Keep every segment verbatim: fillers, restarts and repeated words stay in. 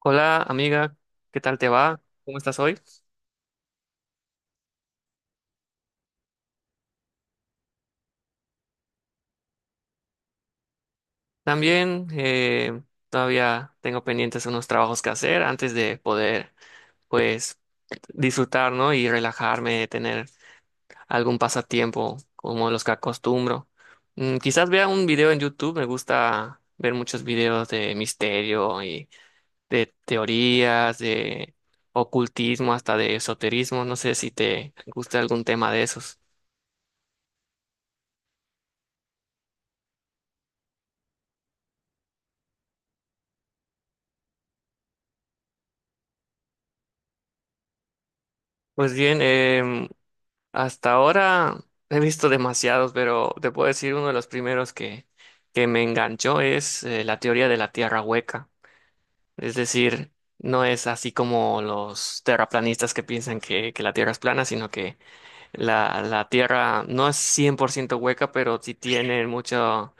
Hola amiga, ¿qué tal te va? ¿Cómo estás hoy? También eh, todavía tengo pendientes unos trabajos que hacer antes de poder pues disfrutar, ¿no? Y relajarme, tener algún pasatiempo como los que acostumbro. Mm, quizás vea un video en YouTube. Me gusta ver muchos videos de misterio y de teorías, de ocultismo, hasta de esoterismo. No sé si te gusta algún tema de esos. Pues bien, em, hasta ahora he visto demasiados, pero te puedo decir uno de los primeros que, que me enganchó es eh, la teoría de la tierra hueca. Es decir, no es así como los terraplanistas que piensan que, que la tierra es plana, sino que la, la tierra no es cien por ciento hueca, pero sí tiene mucho,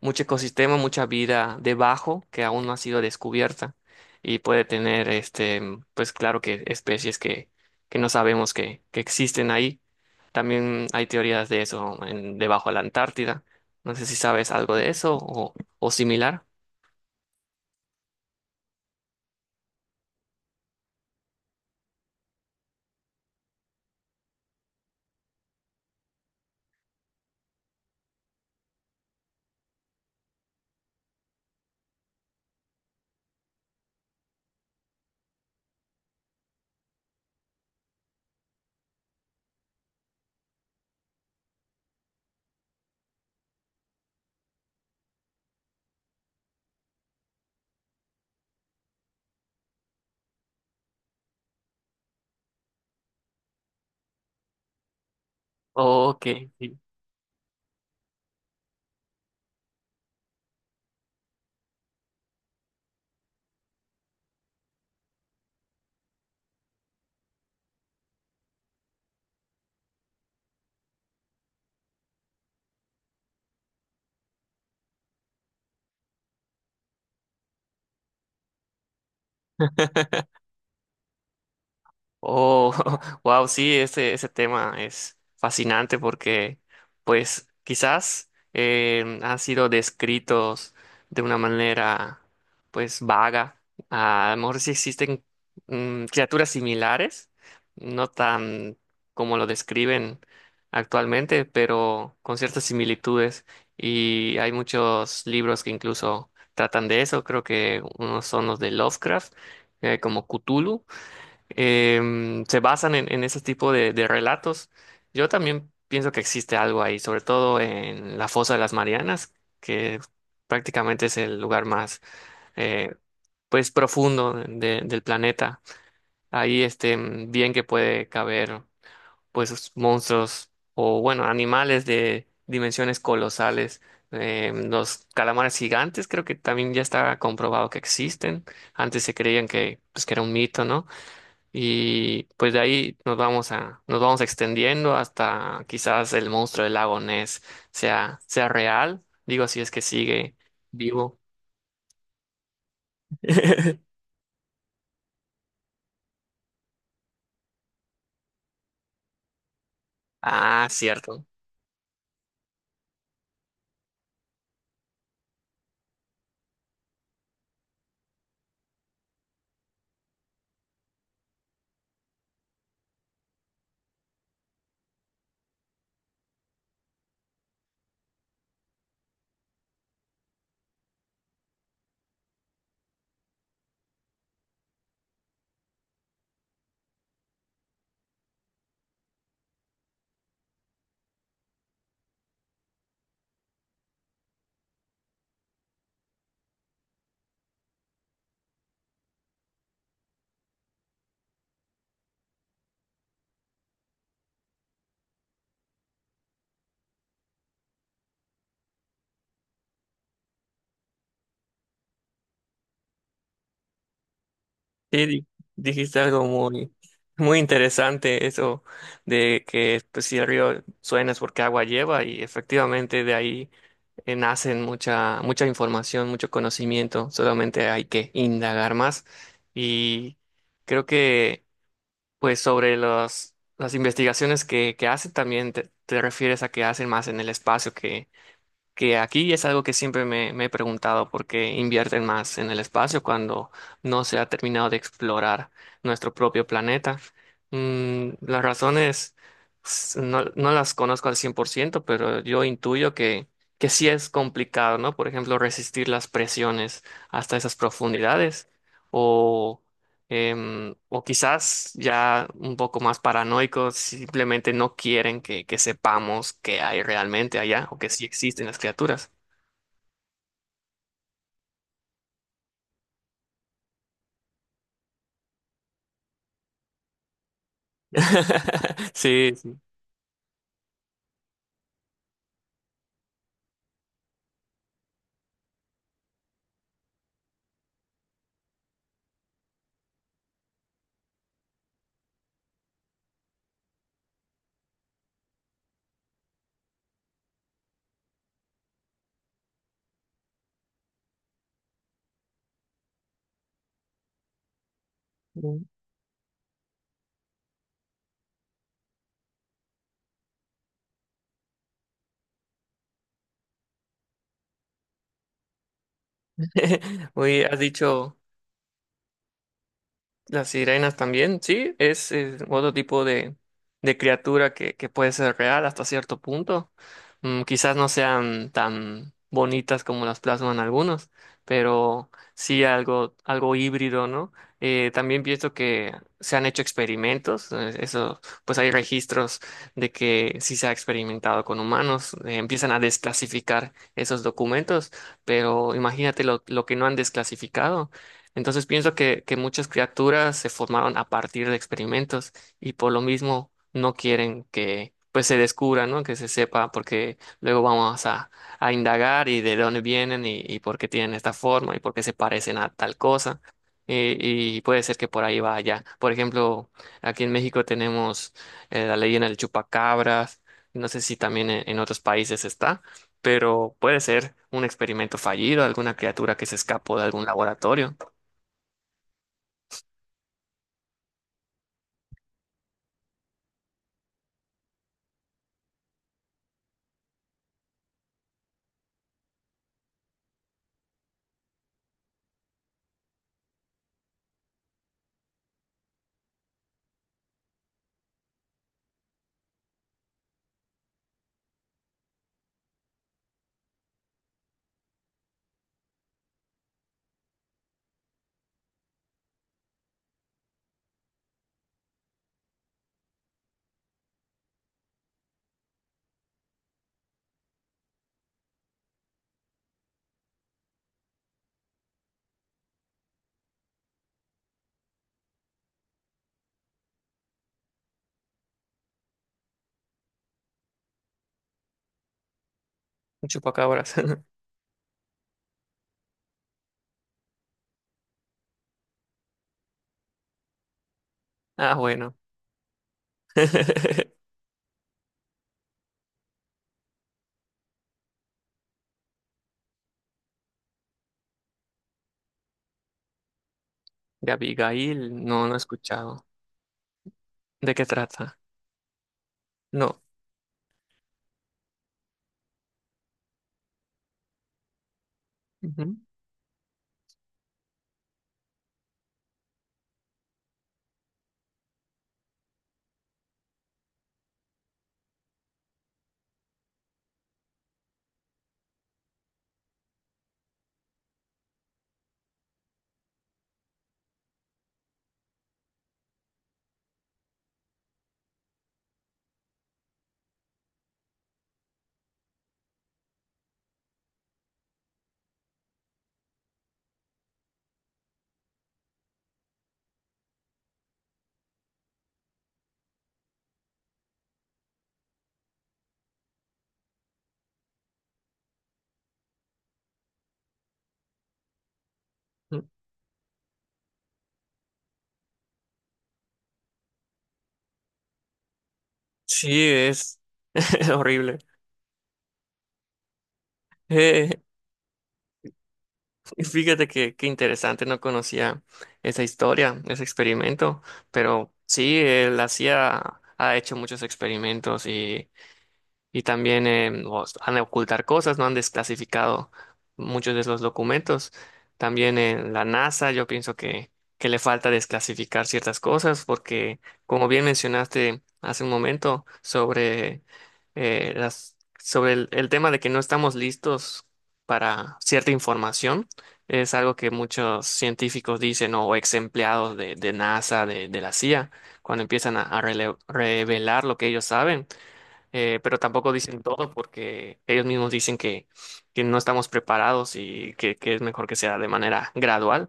mucho ecosistema, mucha vida debajo que aún no ha sido descubierta y puede tener, este, pues claro que especies que, que no sabemos que, que existen ahí. También hay teorías de eso en, debajo de la Antártida. No sé si sabes algo de eso o, o similar. Ok. Oh, wow, sí, ese, ese tema es fascinante porque, pues, quizás eh, han sido descritos de una manera, pues, vaga. Ah, a lo mejor sí existen mm, criaturas similares, no tan como lo describen actualmente, pero con ciertas similitudes. Y hay muchos libros que incluso tratan de eso. Creo que unos son los de Lovecraft, eh, como Cthulhu em, se basan en, en ese tipo de, de relatos. Yo también pienso que existe algo ahí, sobre todo en la Fosa de las Marianas, que prácticamente es el lugar más eh, pues profundo de- del planeta. Ahí este mm, bien que puede caber pues monstruos o bueno, animales de dimensiones colosales. Eh, los calamares gigantes creo que también ya está comprobado que existen. Antes se creían que, pues, que era un mito, ¿no? Y pues de ahí nos vamos a, nos vamos extendiendo hasta quizás el monstruo del lago Ness sea, sea real. Digo, si es que sigue vivo. Ah, cierto. Sí, di- dijiste algo muy, muy interesante, eso de que pues, si el río suena es porque agua lleva, y efectivamente de ahí eh, nacen mucha, mucha información, mucho conocimiento. Solamente hay que indagar más, y creo que pues sobre los, las investigaciones que, que hacen, también te, te refieres a que hacen más en el espacio que, que aquí, y es algo que siempre me, me he preguntado por qué invierten más en el espacio cuando no se ha terminado de explorar nuestro propio planeta. Mm, las razones s- no, no las conozco al cien por ciento, pero yo intuyo que, que sí es complicado, ¿no? Por ejemplo, resistir las presiones hasta esas profundidades o em, o quizás ya un poco más paranoicos, simplemente no quieren que, que sepamos qué hay realmente allá o que sí existen las criaturas. Sí, sí. Mm. Oye, has dicho... Las sirenas también, sí, es, eh, otro tipo de, de criatura que, que puede ser real hasta cierto punto. Mm, quizás no sean tan bonitas como las plasman algunos, pero sí algo, algo híbrido, ¿no? Eh, también pienso que se han hecho experimentos, eh, eso, pues hay registros de que sí se ha experimentado con humanos. Eh, empiezan a desclasificar esos documentos, pero imagínate lo, lo que no han desclasificado. Entonces pienso que, que muchas criaturas se formaron a partir de experimentos, y por lo mismo no quieren que pues se descubra, ¿no? Que se sepa, porque luego vamos a, a indagar y de dónde vienen y, y por qué tienen esta forma y por qué se parecen a tal cosa. Y, y puede ser que por ahí vaya. Por ejemplo, aquí en México tenemos eh, la leyenda del chupacabras. No sé si también en en otros países está, pero puede ser un experimento fallido, alguna criatura que se escapó de algún laboratorio. Un chupacabras. Ah, bueno. De Abigail, no, no he escuchado. ¿De qué trata? No. Ujú. Sí, es horrible. Eh, Fíjate que qué interesante, no conocía esa historia, ese experimento, pero sí, él hacía, ha hecho muchos experimentos. Y también eh, os han de ocultar cosas, no han desclasificado muchos de los documentos. También en la NASA, yo pienso que, que le falta desclasificar ciertas cosas porque, como bien mencionaste hace un momento, sobre, eh, las, sobre el, el tema de que no estamos listos para cierta información, es algo que muchos científicos dicen, ¿no? O ex empleados de, de NASA, de, de la C I A, cuando empiezan a, a rele- revelar lo que ellos saben. Eh, pero tampoco dicen todo porque ellos mismos dicen que, que no estamos preparados y que, que es mejor que sea de manera gradual.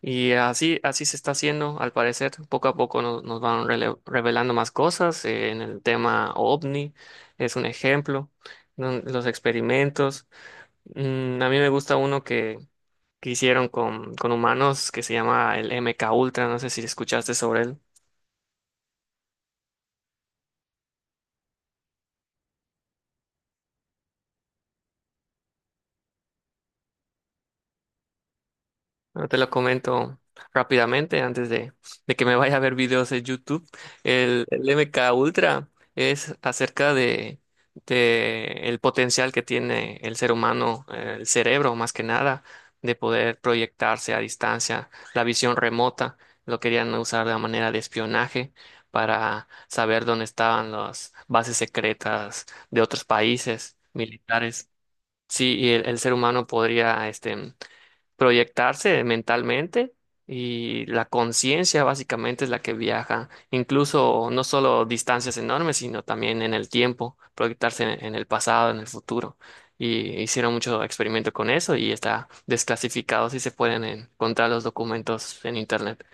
Y así, así se está haciendo, al parecer, poco a poco nos, nos van rele- revelando más cosas. Eh, en el tema o v ni es un ejemplo, ¿no? Los experimentos. Mm, a mí me gusta uno que, que hicieron con, con humanos que se llama el M K Ultra, no sé si escuchaste sobre él. Bueno, te lo comento rápidamente antes de, de que me vaya a ver videos de YouTube. El, el M K Ultra es acerca de, de el potencial que tiene el ser humano, eh, el cerebro más que nada, de poder proyectarse a distancia, la visión remota. Lo querían usar de manera de espionaje para saber dónde estaban las bases secretas de otros países militares. Sí, y el, el ser humano podría este proyectarse mentalmente, y la conciencia básicamente es la que viaja, incluso no solo distancias enormes, sino también en el tiempo, proyectarse en, en el pasado, en el futuro. Y hicieron mucho experimento con eso y está desclasificado si se pueden encontrar los documentos en internet.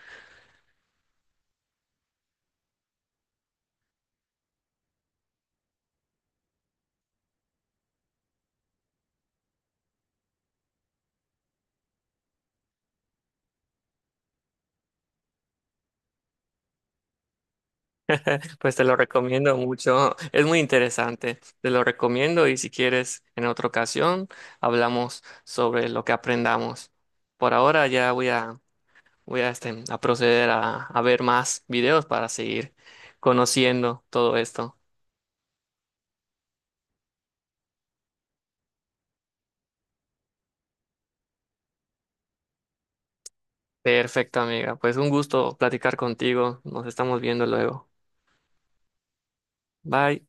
Pues te lo recomiendo mucho, es muy interesante, te lo recomiendo, y si quieres en otra ocasión hablamos sobre lo que aprendamos. Por ahora ya voy a voy a, este, a proceder a, a ver más videos para seguir conociendo todo esto. Perfecto, amiga. Pues un gusto platicar contigo. Nos estamos viendo luego. Bye.